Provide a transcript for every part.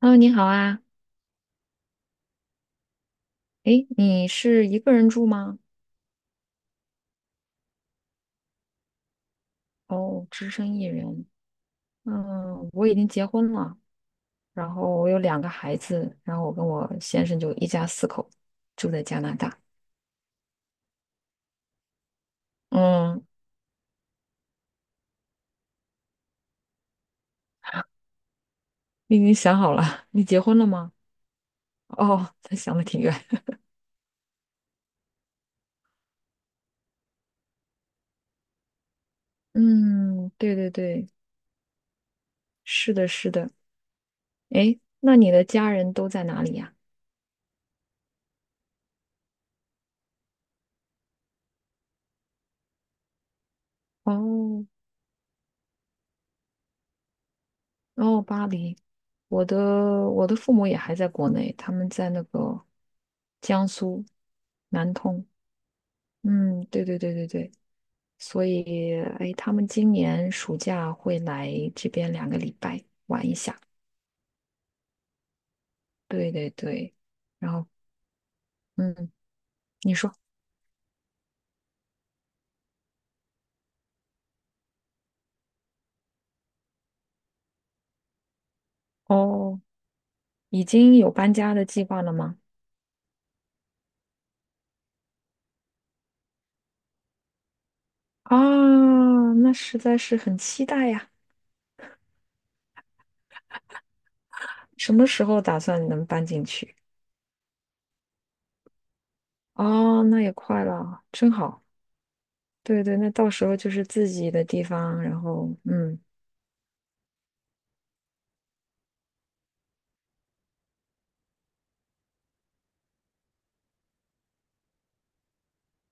h e 你好啊。诶，你是一个人住吗？哦，只身一人。嗯，我已经结婚了，然后我有两个孩子，然后我跟我先生就一家四口住在加拿大。嗯，你已经想好了，你结婚了吗？哦，他想的挺远。嗯，对对对，是的，是的。诶，那你的家人都在哪里呀？哦，然后巴黎，我的我的父母也还在国内，他们在那个江苏南通。嗯，对对对对对，所以哎，他们今年暑假会来这边2个礼拜玩一下。对对对，然后嗯，你说哦，已经有搬家的计划了吗？啊，那实在是很期待呀！什么时候打算能搬进去？哦，那也快了，真好。对对，那到时候就是自己的地方，然后嗯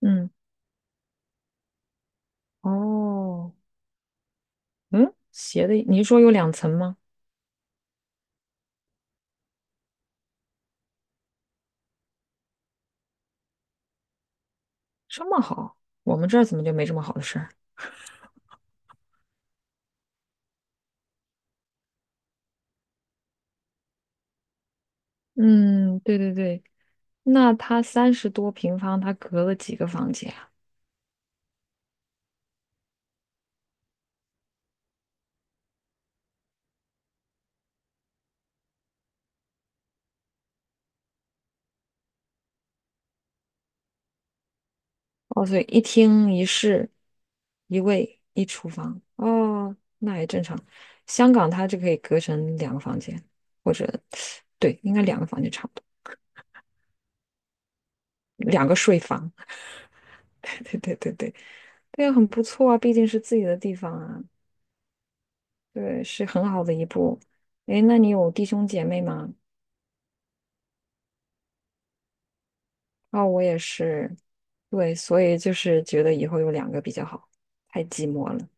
嗯哦嗯，斜的，你是说有两层吗？这么好，我们这儿怎么就没这么好的事儿？嗯，对对对，那他30多平方，他隔了几个房间啊？哦，所以一厅一室，一卫一厨房。哦，那也正常。香港它就可以隔成两个房间，或者对，应该两个房间差不多，两个睡房。对对对对，对啊，很不错啊，毕竟是自己的地方啊，对，是很好的一步。诶，那你有弟兄姐妹吗？哦，我也是，对，所以就是觉得以后有两个比较好，太寂寞了。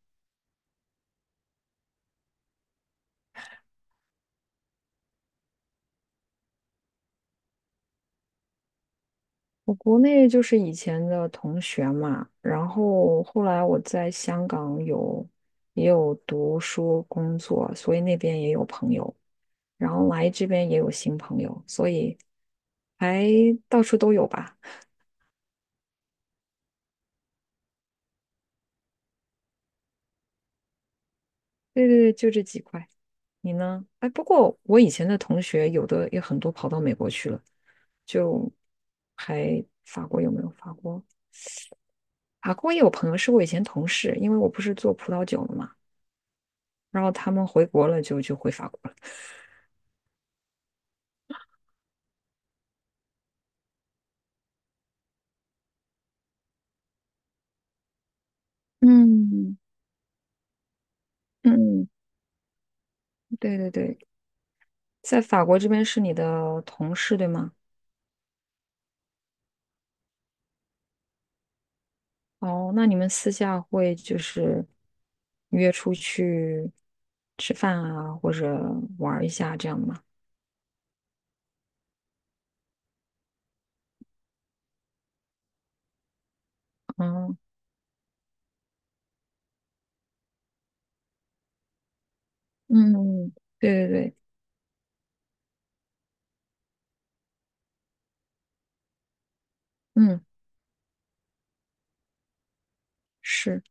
我国内就是以前的同学嘛，然后后来我在香港有也有读书工作，所以那边也有朋友，然后来这边也有新朋友，所以还到处都有吧。对对对，就这几块。你呢？哎，不过我以前的同学有的也很多跑到美国去了，就还法国有没有法国？法国也有朋友是我以前同事，因为我不是做葡萄酒的嘛，然后他们回国了就回法国了。嗯嗯，对对对，在法国这边是你的同事对吗？哦，那你们私下会就是约出去吃饭啊，或者玩儿一下这样吗？嗯，嗯对对对。嗯是，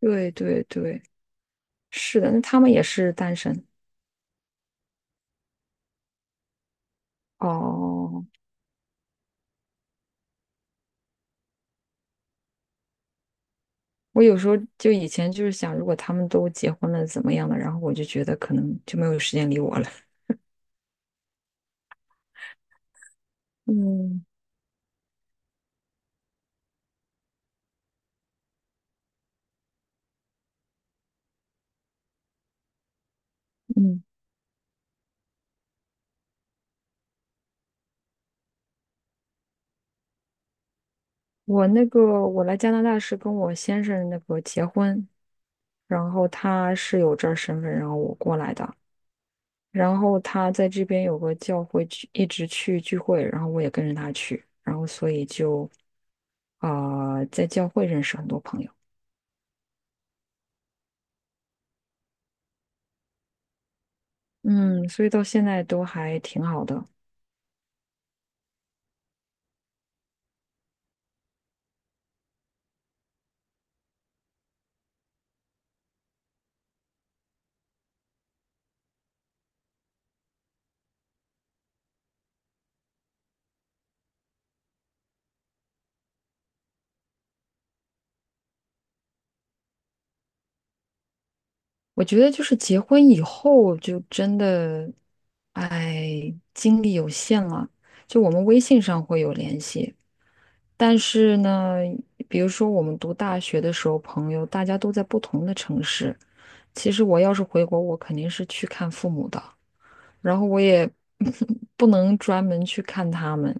对对对，是的，那他们也是单身哦。我有时候就以前就是想，如果他们都结婚了怎么样的？然后我就觉得可能就没有时间理我了。嗯嗯，我那个我来加拿大是跟我先生那个结婚，然后他是有这儿身份，然后我过来的，然后他在这边有个教会去，一直去聚会，然后我也跟着他去，然后所以就在教会认识很多朋友。嗯，所以到现在都还挺好的。我觉得就是结婚以后就真的，哎，精力有限了。就我们微信上会有联系，但是呢，比如说我们读大学的时候，朋友大家都在不同的城市。其实我要是回国，我肯定是去看父母的，然后我也 不能专门去看他们，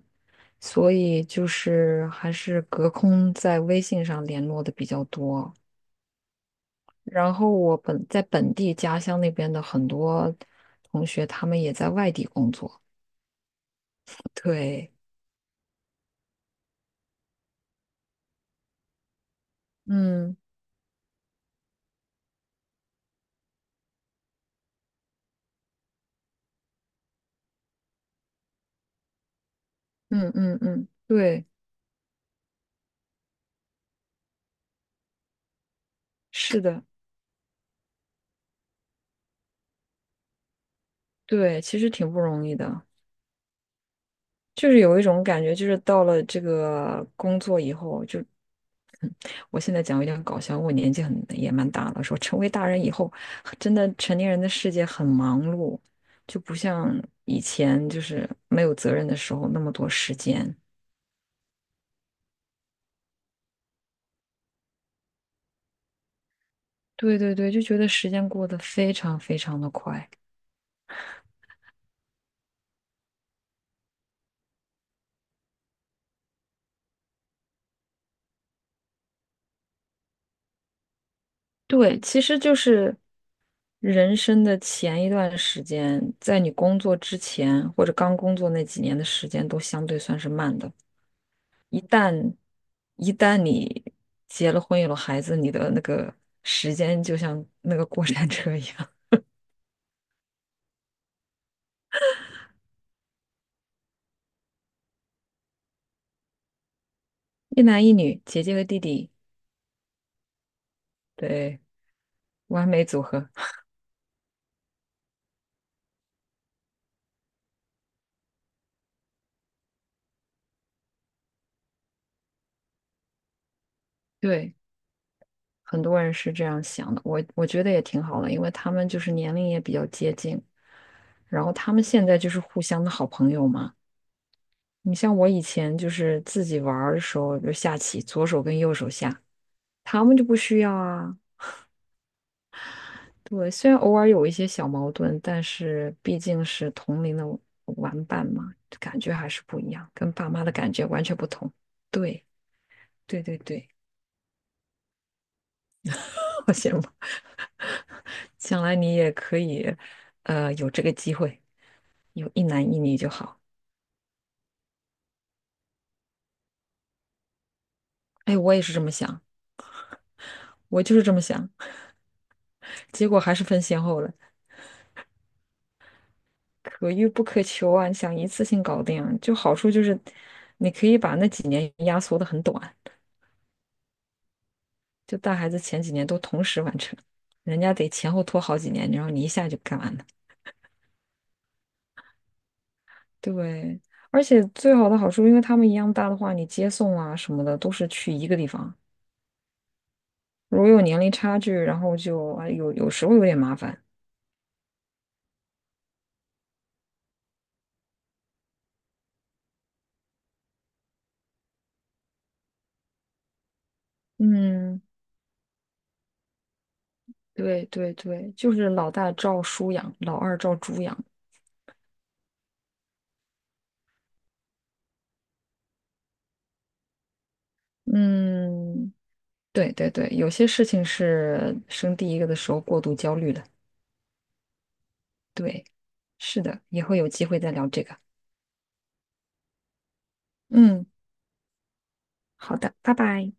所以就是还是隔空在微信上联络的比较多。然后我在本地家乡那边的很多同学，他们也在外地工作。对，嗯嗯嗯嗯，对，是的，对，其实挺不容易的。就是有一种感觉，就是到了这个工作以后，就，嗯我现在讲有点搞笑，我年纪很也蛮大了，说成为大人以后，真的成年人的世界很忙碌，就不像以前就是没有责任的时候那么多时间。对对对，就觉得时间过得非常非常的快。对，其实就是人生的前一段时间，在你工作之前或者刚工作那几年的时间都相对算是慢的。一旦一旦你结了婚有了孩子，你的那个时间就像那个过山车一样。一男一女，姐姐和弟弟，对，完美组合。对，很多人是这样想的，我觉得也挺好的，因为他们就是年龄也比较接近。然后他们现在就是互相的好朋友嘛。你像我以前就是自己玩儿的时候，就下棋，左手跟右手下，他们就不需要啊。对，虽然偶尔有一些小矛盾，但是毕竟是同龄的玩伴嘛，感觉还是不一样，跟爸妈的感觉完全不同。对，对对对，好羡慕。将来你也可以，有这个机会，有一男一女就好。哎，我也是这么想，我就是这么想，结果还是分先后了。可遇不可求啊，你想一次性搞定啊，就好处就是你可以把那几年压缩的很短，就带孩子前几年都同时完成，人家得前后拖好几年，然后你一下就干完了。对，而且最好的好处，因为他们一样大的话，你接送啊什么的都是去一个地方，如果有年龄差距，然后就啊有时候有点麻烦。嗯，对对对，就是老大照书养，老二照猪养。嗯，对对对，有些事情是生第一个的时候过度焦虑了。对，是的，以后有机会再聊这个。嗯，好的，拜拜。